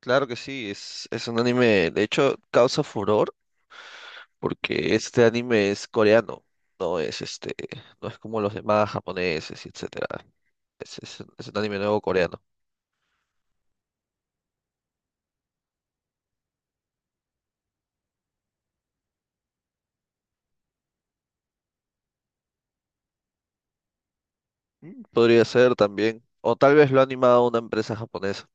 Claro que sí, es un anime, de hecho, causa furor porque este anime es coreano, no es este, no es como los demás japoneses y etcétera. Es un anime nuevo coreano. Podría ser también, o tal vez lo ha animado una empresa japonesa.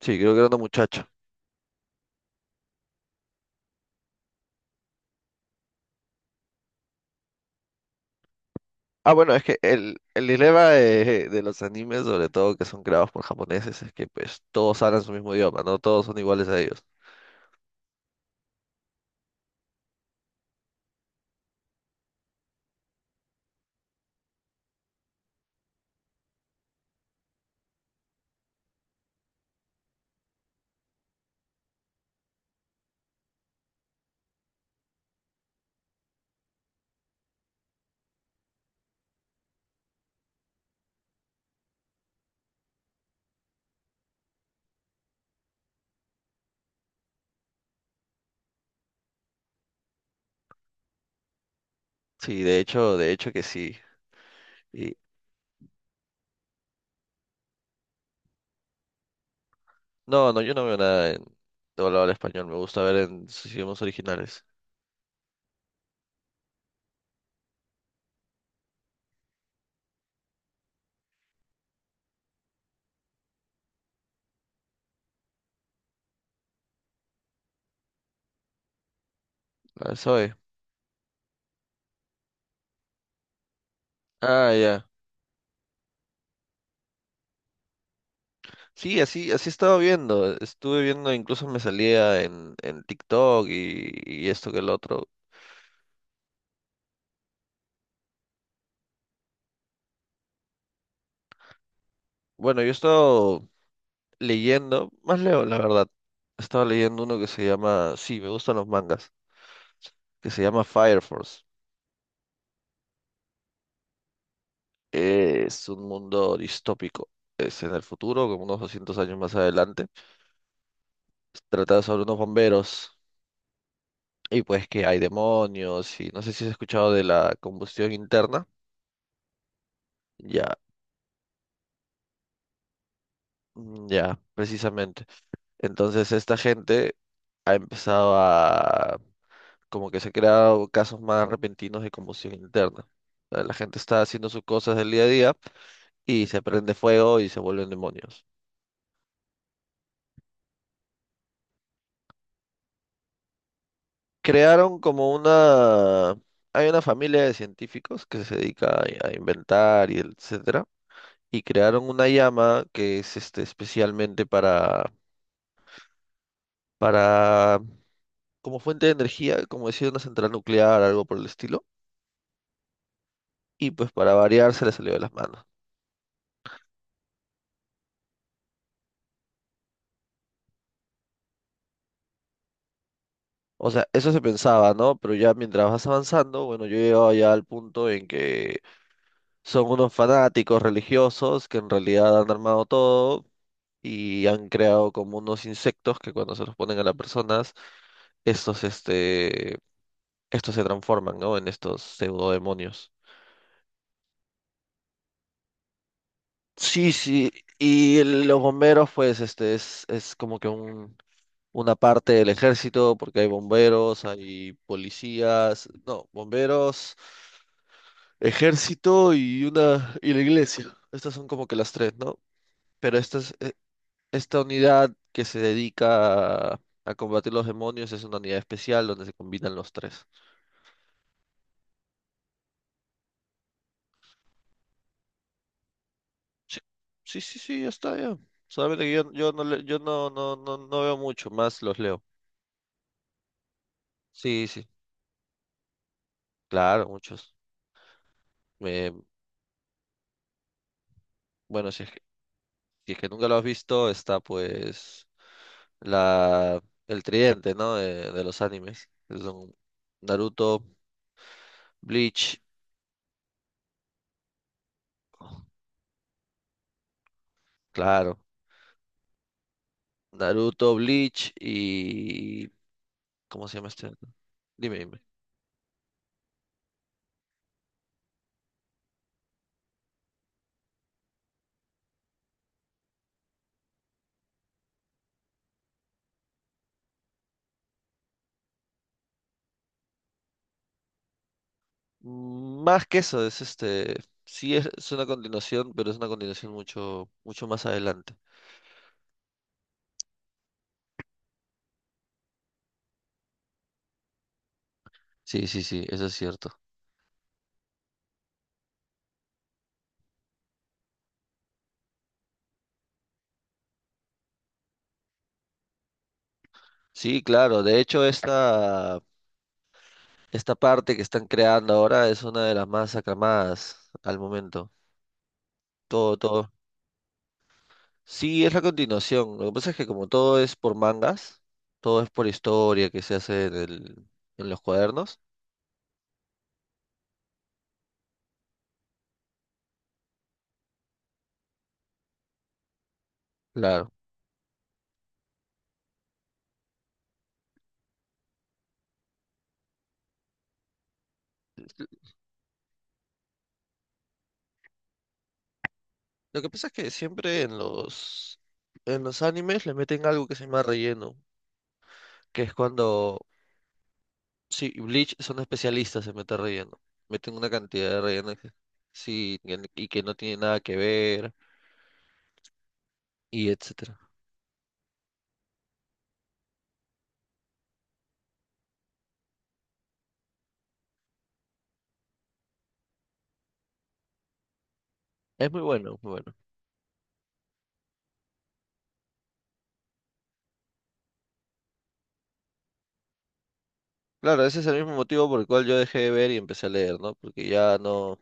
Sí, creo que era una muchacha. Ah, bueno, es que el dilema de los animes, sobre todo que son creados por japoneses, es que pues todos hablan su mismo idioma, no todos son iguales a ellos. Sí, de hecho que sí. No, no, yo no veo nada en doblado al español. Me gusta ver en sus idiomas originales. La soy. Ah, ya. Sí, así estaba viendo. Estuve viendo, incluso me salía en TikTok y esto que el otro. Bueno, yo he estado leyendo, más leo, la verdad. Estaba leyendo uno que se llama, sí, me gustan los mangas, que se llama Fire Force. Es un mundo distópico. Es en el futuro, como unos 200 años más adelante. Trata sobre unos bomberos. Y pues que hay demonios y no sé si has escuchado de la combustión interna. Ya, mm, ya, precisamente. Entonces esta gente ha empezado a... como que se han creado casos más repentinos de combustión interna. O sea, la gente está haciendo sus cosas del día a día y se prende fuego y se vuelven demonios. Crearon como una... Hay una familia de científicos que se dedica a inventar y etcétera. Y crearon una llama que es especialmente para, como fuente de energía, como decir, una central nuclear, algo por el estilo, y pues para variar se le salió de las manos. O sea, eso se pensaba, ¿no? Pero ya mientras vas avanzando, bueno, yo he llegado ya al punto en que son unos fanáticos religiosos que en realidad han armado todo y han creado como unos insectos que cuando se los ponen a las personas, estos, este, estos se transforman, ¿no? En estos pseudodemonios. Sí, sí, y los bomberos, pues, es como que una parte del ejército, porque hay bomberos, hay policías, no, bomberos, ejército y una y la iglesia. Estas son como que las tres, ¿no? Pero esta unidad que se dedica a combatir los demonios es una unidad especial donde se combinan los tres. Sí, sí, sí, sí, ya está, ya. Solamente que yo no veo mucho, más los leo. Sí, sí, claro, muchos. Eh, bueno, si es que nunca lo has visto, está pues el tridente, ¿no? De los animes que son Naruto, Bleach, claro. Naruto, Bleach y... ¿Cómo se llama este otro? Dime, dime. Más que eso. Sí, es una continuación, pero es una continuación mucho, mucho más adelante. Sí, sí, sí, eso es cierto. Sí, claro. De hecho, esta parte que están creando ahora es una de las más aclamadas al momento. Todo, todo Sí, es la continuación. Lo que pasa es que como todo es por mangas, todo es por historia que se hace en los cuadernos. Claro. Lo que pasa es que siempre en los animes le meten algo que se llama relleno, que es cuando sí, Bleach son especialistas en meter relleno. Meten una cantidad de relleno y que no tiene nada que ver y etcétera. Es muy bueno, muy bueno. Claro, ese es el mismo motivo por el cual yo dejé de ver y empecé a leer, ¿no? Porque ya no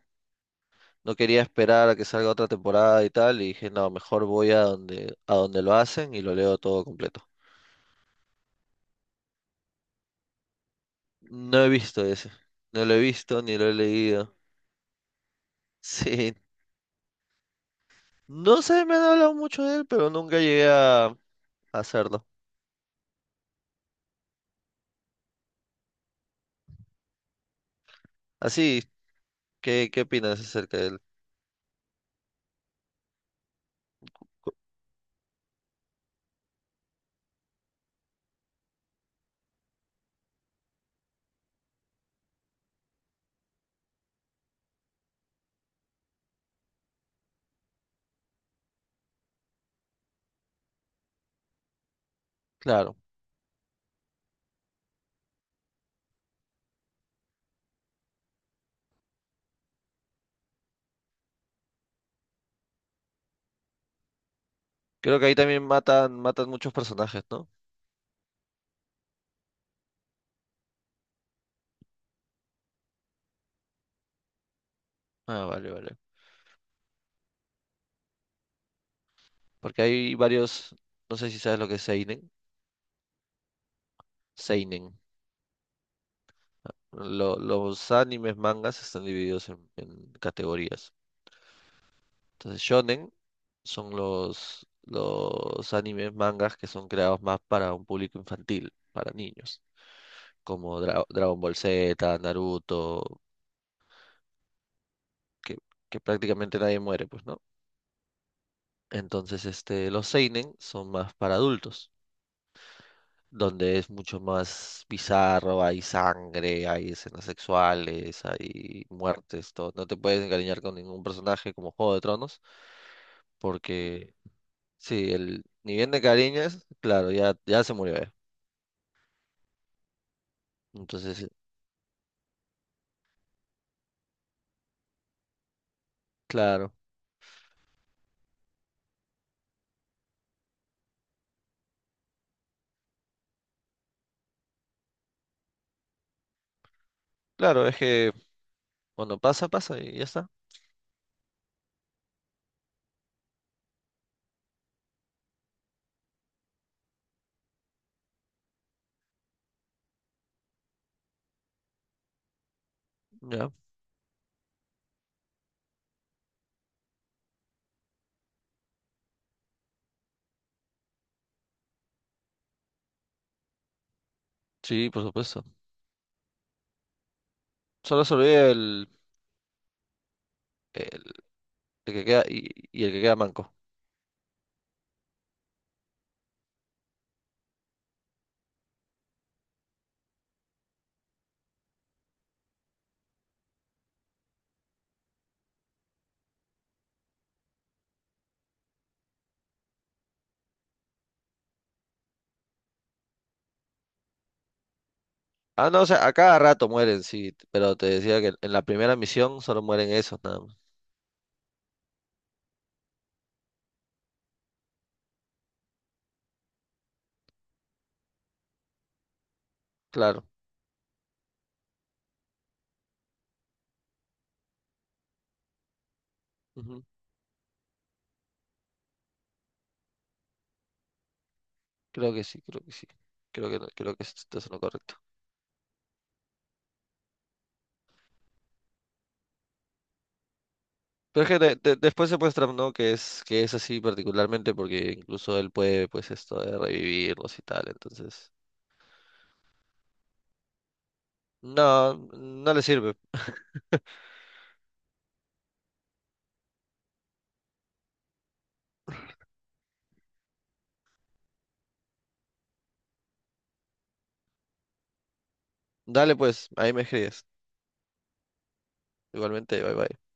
no quería esperar a que salga otra temporada y tal, y dije, no, mejor voy a donde lo hacen y lo leo todo completo. No he visto ese, no lo he visto ni lo he leído. Sí, no sé, me han hablado mucho de él, pero nunca llegué a hacerlo. Así, ¿qué opinas acerca de él? Claro, creo que ahí también matan, matan muchos personajes, ¿no? Ah, vale, vale. Porque hay varios, no sé si sabes lo que es Seinen. Seinen. Los animes, mangas están divididos en categorías. Entonces, shonen son los animes, mangas que son creados más para un público infantil, para niños, como Dragon Ball Z, Naruto, que, que prácticamente nadie muere, pues, ¿no? Entonces, los seinen son más para adultos, donde es mucho más bizarro, hay sangre, hay escenas sexuales, hay muertes, todo. No te puedes encariñar con ningún personaje como Juego de Tronos, porque sí, el ni bien de cariñas, claro, ya, ya se murió. Entonces, claro, claro, es que cuando pasa, pasa y ya está. Ya, sí, por supuesto. Solo se olvida el, el que queda y el que queda manco. Ah, no, o sea, a cada rato mueren, sí, pero te decía que en la primera misión solo mueren esos, nada más. Claro, ujú, creo que sí, creo que sí. Creo que, creo que esto es lo correcto. Pero es que después se muestra, ¿no? Que es así particularmente porque incluso él puede, pues, esto de revivirlos y tal, entonces. No, no le sirve. Dale pues, ahí me escribes. Igualmente, bye bye.